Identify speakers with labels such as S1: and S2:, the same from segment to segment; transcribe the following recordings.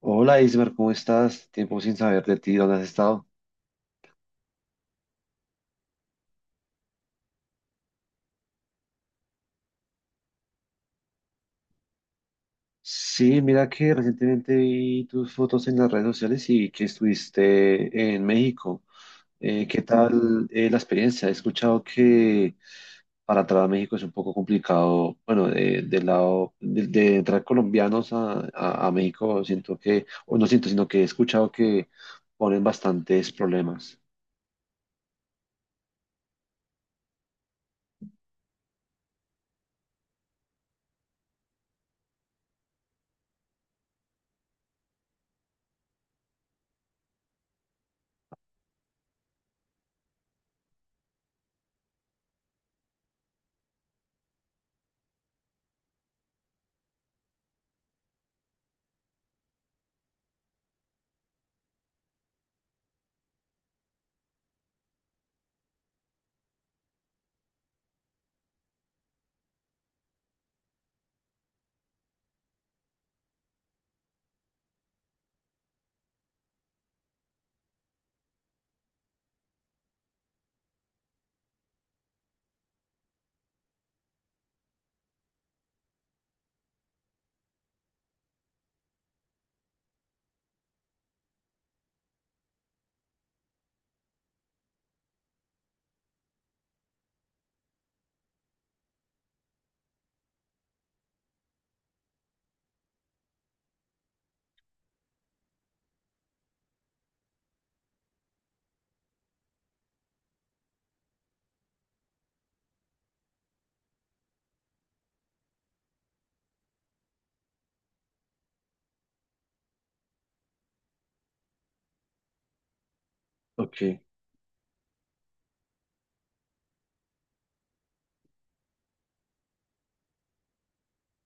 S1: Hola Ismer, ¿cómo estás? Tiempo sin saber de ti, ¿dónde has estado? Sí, mira que recientemente vi tus fotos en las redes sociales y que estuviste en México. ¿Qué tal la experiencia? He escuchado que para entrar a México es un poco complicado, bueno, del lado de entrar colombianos a México, siento que, o no siento, sino que he escuchado que ponen bastantes problemas. Ok.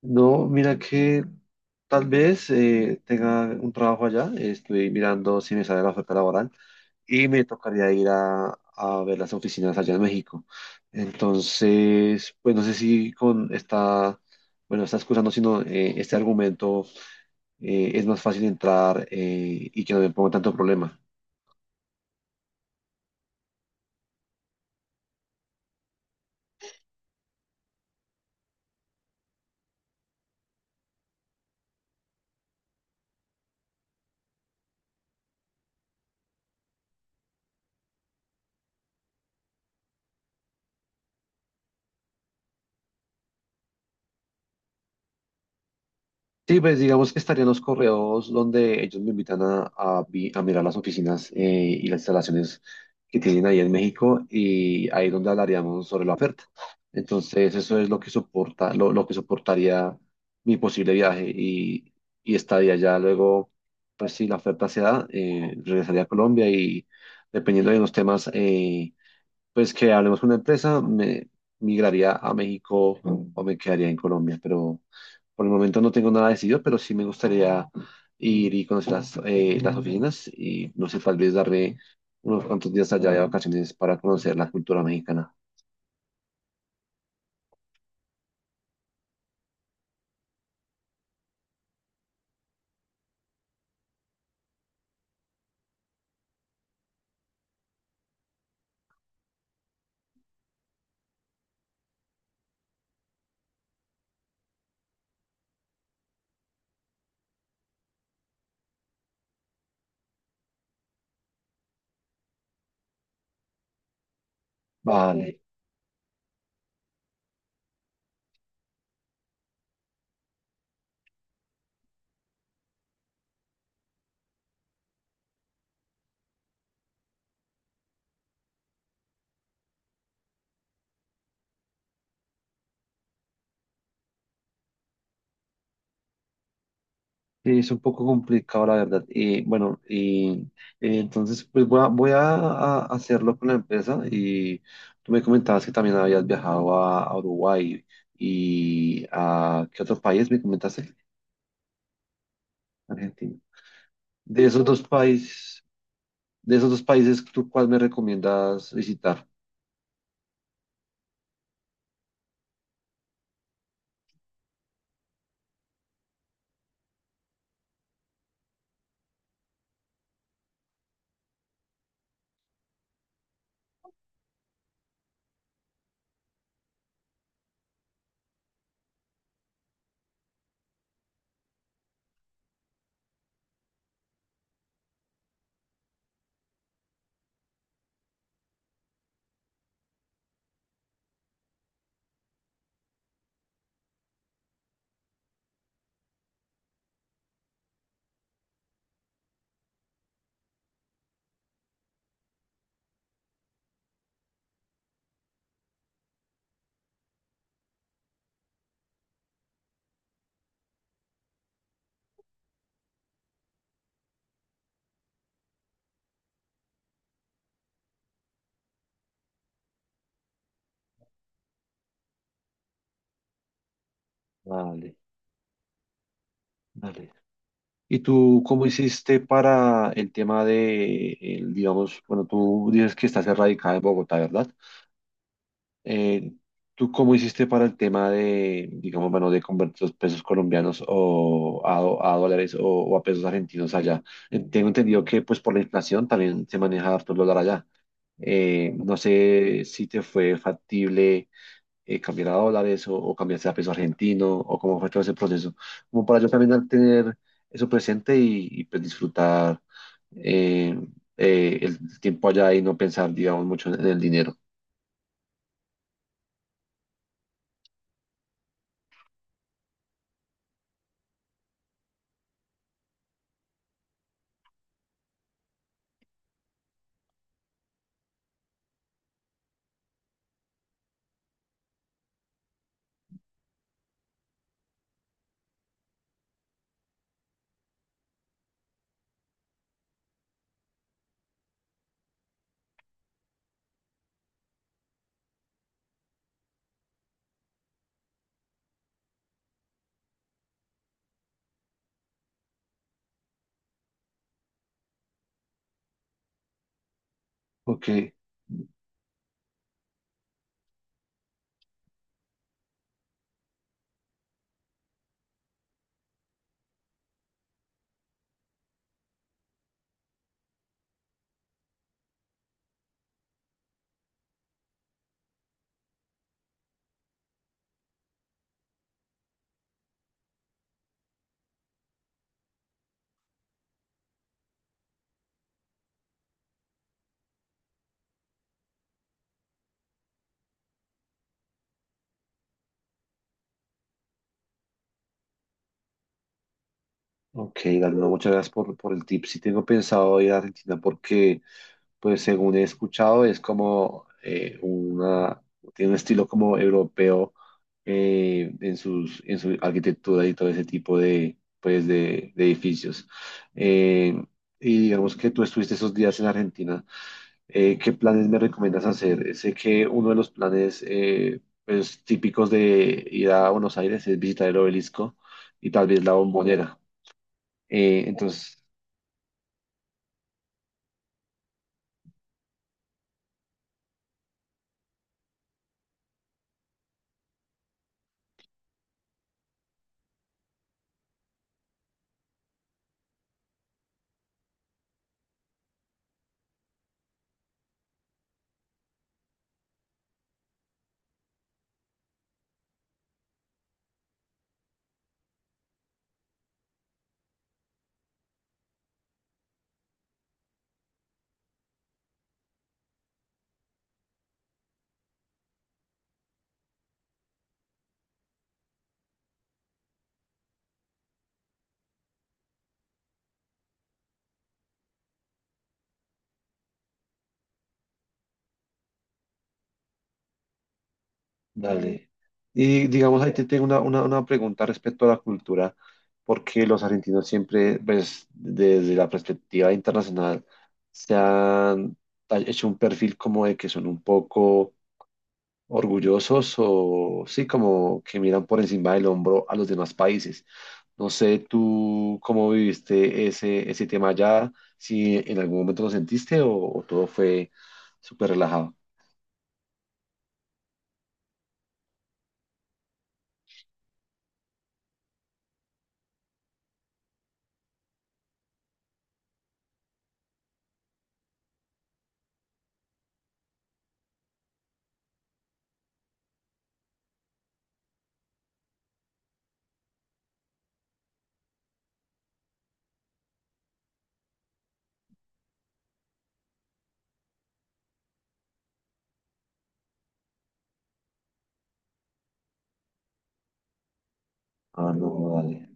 S1: No, mira que tal vez tenga un trabajo allá. Estoy mirando si me sale la oferta laboral y me tocaría ir a ver las oficinas allá en México. Entonces, pues no sé si con esta, bueno, está excusando, sino este argumento, es más fácil entrar y que no me ponga tanto problema. Sí, pues digamos que estarían los correos donde ellos me invitan a mirar las oficinas y las instalaciones que tienen ahí en México, y ahí es donde hablaríamos sobre la oferta. Entonces, eso es lo que soporta, lo que soportaría mi posible viaje, y estaría ya luego, pues si la oferta se da, regresaría a Colombia y dependiendo de los temas, pues que hablemos con la empresa, me migraría a México o me quedaría en Colombia, pero... Por el momento no tengo nada decidido, pero sí me gustaría ir y conocer las oficinas, y no sé, tal vez darme unos cuantos días allá de vacaciones para conocer la cultura mexicana. Vale. Sí, es un poco complicado la verdad. Bueno, y entonces pues a hacerlo con la empresa. Y tú me comentabas que también habías viajado a Uruguay y a ¿qué otro país me comentaste? Argentina. De esos dos países, de esos dos países, ¿tú cuál me recomiendas visitar? Vale, vale. ¿Y tú cómo hiciste para el tema de, el, digamos, bueno, tú dices que estás erradicada en Bogotá, ¿verdad? Eh, ¿Tú cómo hiciste para el tema de, digamos, bueno, de convertir los pesos colombianos a dólares, o a pesos argentinos allá? Tengo entendido que, pues, por la inflación también se maneja harto el dólar allá. No sé si te fue factible cambiar a dólares, o cambiarse a peso argentino, o cómo fue todo ese proceso, como para yo también al tener eso presente y, pues disfrutar eh, el tiempo allá y no pensar, digamos, mucho en el dinero. Ok. Ok, Galindo, muchas gracias por el tip. Sí tengo pensado ir a Argentina porque, pues según he escuchado, es como tiene un estilo como europeo en sus, en su arquitectura y todo ese tipo de, pues, de edificios. Eh, y digamos que tú estuviste esos días en Argentina. ¿Qué planes me recomiendas hacer? Sé que uno de los planes, pues, típicos de ir a Buenos Aires es visitar el obelisco y tal vez la bombonera. Eh, entonces, dale. Y digamos, ahí te tengo una pregunta respecto a la cultura, porque los argentinos siempre, pues, desde la perspectiva internacional, se han hecho un perfil como de que son un poco orgullosos o sí, como que miran por encima del hombro a los demás países. No sé tú cómo viviste ese, ese tema allá, si en algún momento lo sentiste, o todo fue súper relajado. Ah, no, dale.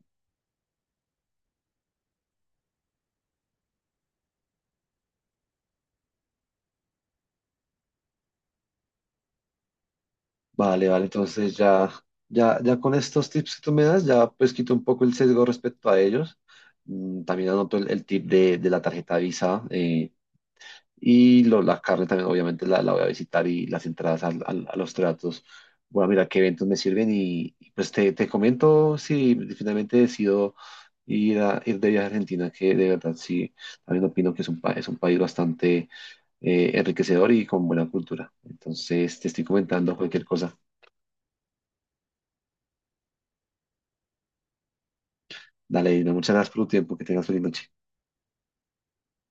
S1: Vale, vale, entonces ya, ya, ya con estos tips que tú me das, ya pues quito un poco el sesgo respecto a ellos. Mm. También anoto el tip de la tarjeta Visa, y la carne también obviamente la, la voy a visitar, y las entradas a los tratos. Voy a mirar qué eventos me sirven y, pues te comento si finalmente decido ir, ir de viaje a Argentina, que de verdad sí, también opino que es es un país bastante enriquecedor y con buena cultura. Entonces te estoy comentando cualquier cosa. Dale, Dina, muchas gracias por tu tiempo, que tengas feliz noche.